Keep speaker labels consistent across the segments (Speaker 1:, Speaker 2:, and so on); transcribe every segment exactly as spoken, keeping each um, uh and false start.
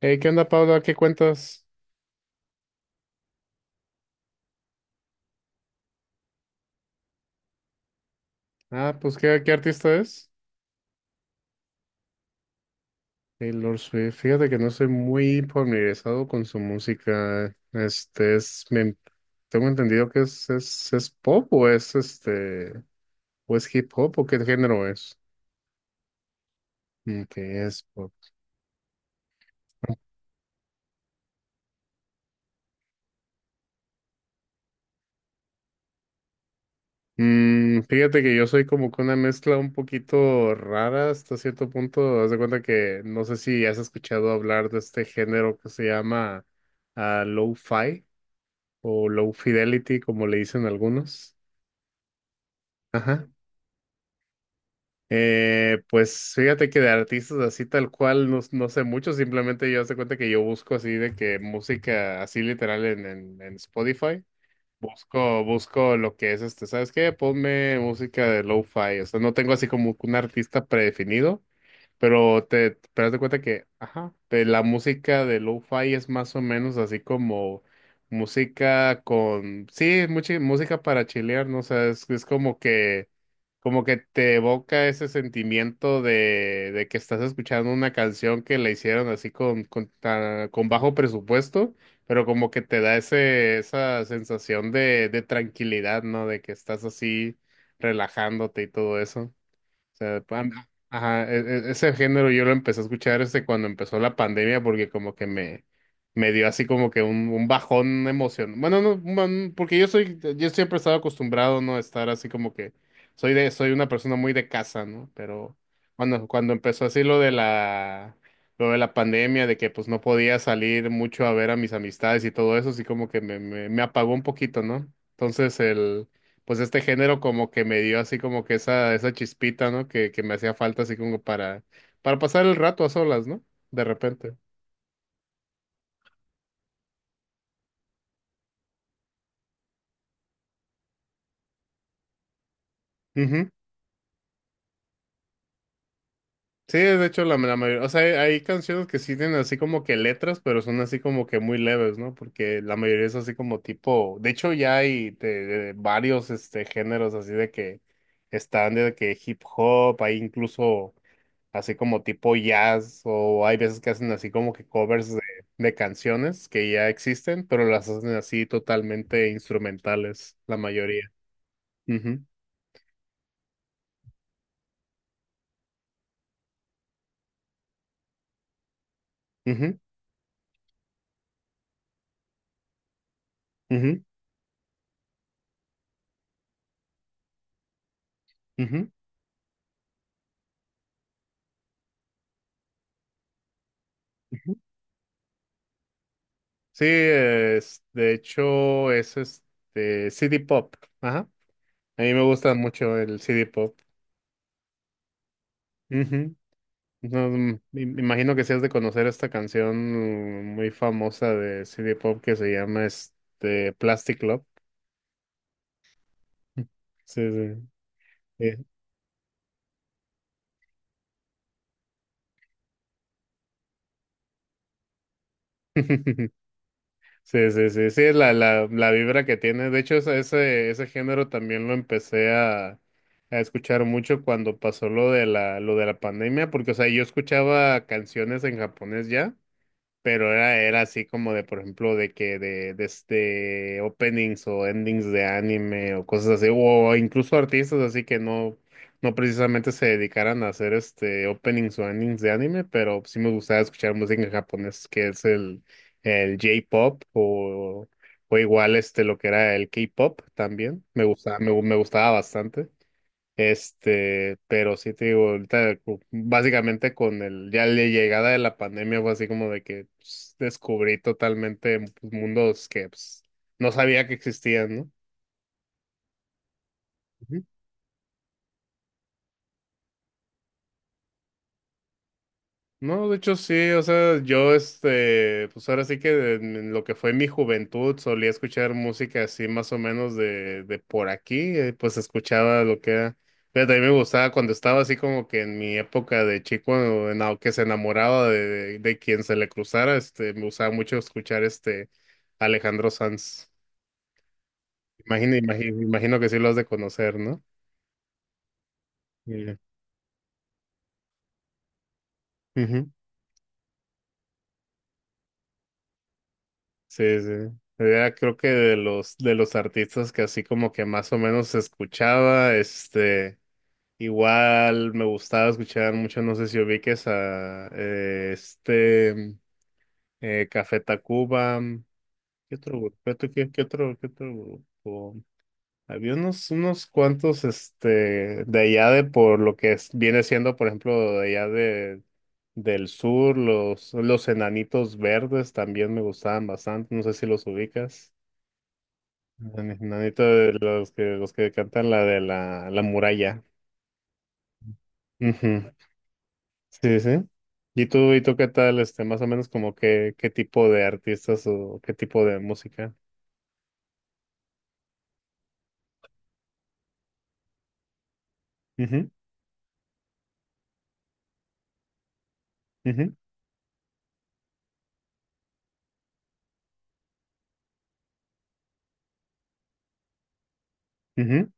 Speaker 1: Hey, ¿qué onda, Paula? ¿Qué cuentas? Ah, pues, ¿qué, qué artista es? Taylor Swift. Fíjate que no soy muy familiarizado con su música. Este es, me- tengo entendido que es, es, es pop o es este, o es hip hop o qué género es. Que es pop. Mm, fíjate que yo soy como que una mezcla un poquito rara hasta cierto punto. Haz de cuenta que no sé si has escuchado hablar de este género que se llama low lo-fi, o low fidelity, como le dicen algunos. Ajá. Eh, pues fíjate que de artistas así tal cual no, no sé mucho, simplemente yo hace cuenta que yo busco así de que música así literal en, en, en Spotify. Busco, busco lo que es este, ¿sabes qué? Ponme música de lo-fi, o sea, no tengo así como un artista predefinido. Pero te, pero haz de cuenta que, ajá, eh, la música de lo-fi es más o menos así como música con, sí, mucha música para chilear, ¿no? O sea, es, es como que, como que te evoca ese sentimiento de, de que estás escuchando una canción que la hicieron así con, con, ta- con bajo presupuesto, pero como que te da ese, esa sensación de, de tranquilidad, ¿no? De que estás así relajándote y todo eso. O sea, pa- ajá, e- e- ese género yo lo empecé a escuchar desde cuando empezó la pandemia porque como que me, me dio así como que un, un bajón emocional. Bueno, no, un bajón, porque yo soy, yo siempre he estado acostumbrado, ¿no? A estar así como que soy de, soy una persona muy de casa, ¿no? Pero cuando, cuando empezó así lo de la, lo de la pandemia, de que pues no podía salir mucho a ver a mis amistades y todo eso, así como que me, me, me apagó un poquito, ¿no? Entonces el pues este género como que me dio así como que esa, esa chispita, ¿no? Que, que me hacía falta así como para, para pasar el rato a solas, ¿no? De repente. Ujú. Sí, de hecho la, la mayoría, o sea, hay, hay canciones que sí tienen así como que letras, pero son así como que muy leves, ¿no? Porque la mayoría es así como tipo, de hecho ya hay de- de varios este géneros así de que están de que hip hop, hay incluso así como tipo jazz, o hay veces que hacen así como que covers de, de canciones que ya existen, pero las hacen así totalmente instrumentales, la mayoría. Ujú, ujú, ujú, ujú, ujú. Sí, es- de hecho es este C D Pop. Ajá. A mí me gusta mucho el C D Pop. Ujú. No, mm, me me imagino que sí has de conocer esta canción muy famosa de C D Pop que se llama este Plastic Love. Sí, sí, sí. Sí, sí, sí, sí, es la, la, la vibra que tiene. De hecho, ese, ese, ese género también lo empecé a, a escuchar mucho cuando pasó lo de la, lo de la pandemia, porque, o sea, yo escuchaba canciones en japonés ya, pero era, era así como de, por ejemplo, de que de, de este openings o endings de anime o cosas así, o incluso artistas así que no, no precisamente se dedicaran a hacer este openings o endings de anime, pero sí me gustaba escuchar música en japonés, que es el, el J-pop o, o igual este lo que era el K-pop también. Me gustaba, me, me gustaba bastante. Este, pero sí te digo, ahorita cu- básicamente con el, ya la llegada de la pandemia fue así como de que pues, descubrí totalmente pues, mundos que pues, no sabía que existían, ¿no? No, de hecho sí, o sea, yo este, pues ahora sí que en en lo que fue mi juventud solía escuchar música así más o menos de, de por aquí, eh, pues escuchaba lo que era, pero también me gustaba cuando estaba así como que en mi época de chico, en la que se enamoraba de, de, de quien se le cruzara, este, me gustaba mucho escuchar este Alejandro Sanz. Imagino, imagino, imagino que sí lo has de conocer, ¿no? Sí. Sí, sí. Era creo que de los de los artistas que así como que más o menos escuchaba, este, igual me gustaba escuchar mucho, no sé si ubiques a eh, este eh, Café Tacuba, ¿qué otro grupo? ¿Qué, otro- qué, qué otro qué otro grupo? Había unos unos cuantos este de allá de por lo que es- viene siendo, por ejemplo, de allá de del sur, los los Enanitos Verdes también me gustaban bastante, no sé si los ubicas. El enanito de los que, los que cantan la de la, la muralla. Ujú. Sí, sí. ¿Y tú, y tú qué tal, este, más o menos como qué, qué tipo de artistas o qué tipo de música? Ujú, ujú, ujú.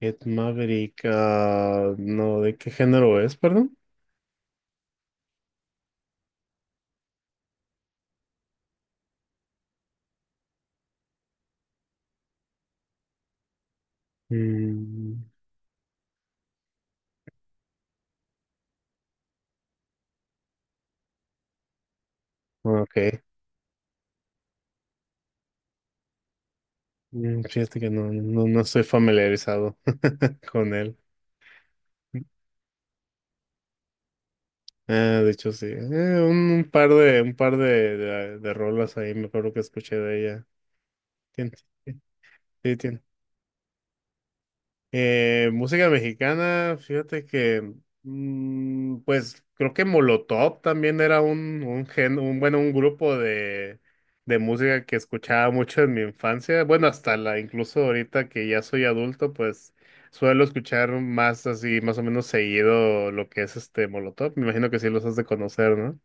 Speaker 1: Ed Maverick, ah, no, ¿de qué género es, perdón? Mm, ok. Mm, fíjate que no, no, no estoy familiarizado con él. Ah, de hecho, sí. Eh, un, un par de, un par de, de, de rolas ahí me acuerdo que escuché de ella. Tiene, sí, tiene. Eh, música mexicana, fíjate que, mm, pues creo que Molotov también era un, un gen, un, bueno, un grupo de, de música que escuchaba mucho en mi infancia. Bueno, hasta la, incluso ahorita que ya soy adulto, pues suelo escuchar más así, más o menos seguido lo que es este Molotov. Me imagino que sí los has de conocer, ¿no?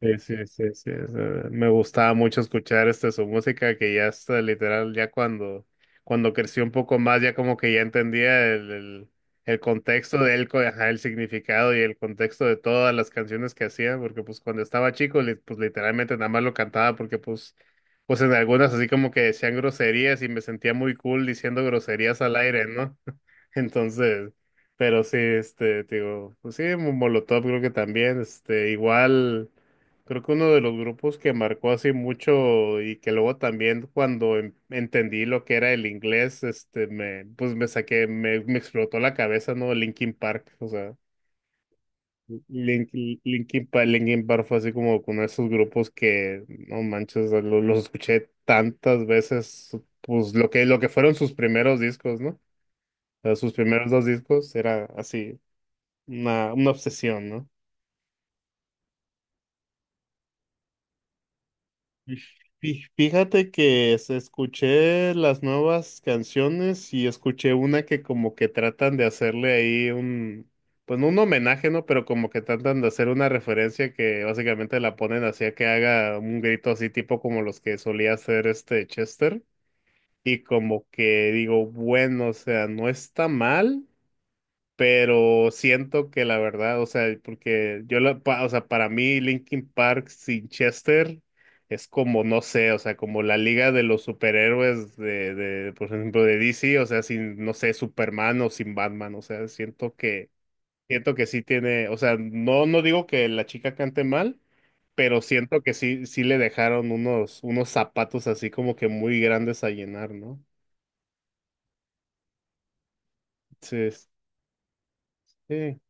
Speaker 1: Sí, sí, sí, sí, o sea, me gustaba mucho escuchar este, su música que ya está literal, ya cuando, cuando creció un poco más, ya como que ya entendía el, el, el contexto de él, co- ajá, el significado y el contexto de todas las canciones que hacía, porque pues cuando estaba chico, li- pues literalmente nada más lo cantaba, porque pues, pues en algunas así como que decían groserías y me sentía muy cool diciendo groserías al aire, ¿no? Entonces, pero sí, este, te digo, pues sí, Molotov creo que también, este, igual. Creo que uno de los grupos que marcó así mucho y que luego también cuando en- entendí lo que era el inglés, este, me, pues me saqué, me, me explotó la cabeza, ¿no? Linkin Park, o sea, Link- Linkin Park, Linkin Park fue así como uno de esos grupos que, no manches, o lo- los, escuché tantas veces, pues lo que, lo que fueron sus primeros discos, ¿no? O sea, sus primeros dos discos era así, una, una obsesión, ¿no? Y fí- fíjate que se- escuché las nuevas canciones y escuché una que como que tratan de hacerle ahí un, pues no un homenaje, ¿no? Pero como que tratan de hacer una referencia que básicamente la ponen así a que haga un grito así tipo como los que solía hacer este Chester. Y como que digo, bueno, o sea, no está mal pero siento que la verdad, o sea, porque yo la, pa- o sea, para mí Linkin Park sin Chester es como, no sé, o sea, como la liga de los superhéroes de, de, por ejemplo, de D C, o sea, sin, no sé, Superman o sin Batman, o sea, siento que, siento que sí tiene, o sea, no, no digo que la chica cante mal, pero siento que sí, sí le dejaron unos, unos zapatos así como que muy grandes a llenar, ¿no? Entonces, sí.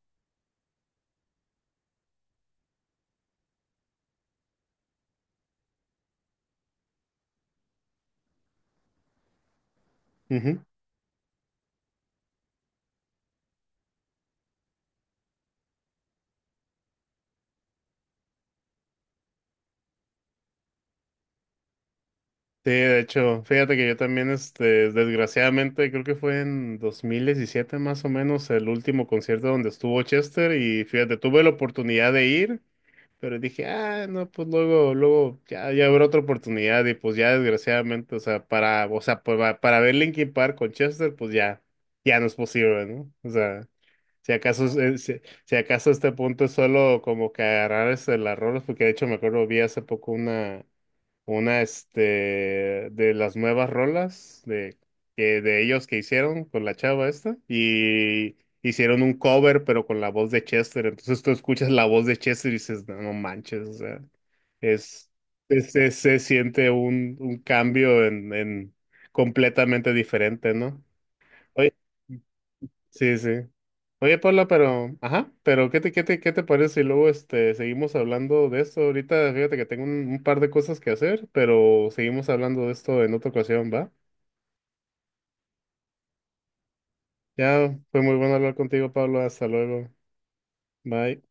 Speaker 1: Sí, de hecho, fíjate que yo también, este, desgraciadamente, creo que fue en dos mil diecisiete más o menos el último concierto donde estuvo Chester y fíjate, tuve la oportunidad de ir, pero dije, ah, no, pues luego, luego ya, ya habrá otra oportunidad y pues ya desgraciadamente, o sea, para, o sea, para, para ver Linkin Park con Chester, pues ya, ya no es posible, ¿no? O sea, si acaso, es- eh, si, si acaso este punto es solo como que agarrar este, las rolas, porque de hecho me acuerdo, vi hace poco una una, este, de las nuevas rolas de, que- de ellos que hicieron con la chava esta. Y hicieron un cover, pero con la voz de Chester. Entonces tú escuchas la voz de Chester y dices, no, no manches, o sea, es, es- es- se siente un, un cambio en, en completamente diferente, ¿no? Oye. Sí, sí. Oye, Paula, pero, ajá, pero ¿qué te, qué te, qué te parece si luego este, seguimos hablando de esto? Ahorita fíjate que tengo un, un par de cosas que hacer, pero seguimos hablando de esto en otra ocasión, ¿va? Ya fue muy bueno hablar contigo, Pablo. Hasta luego. Bye.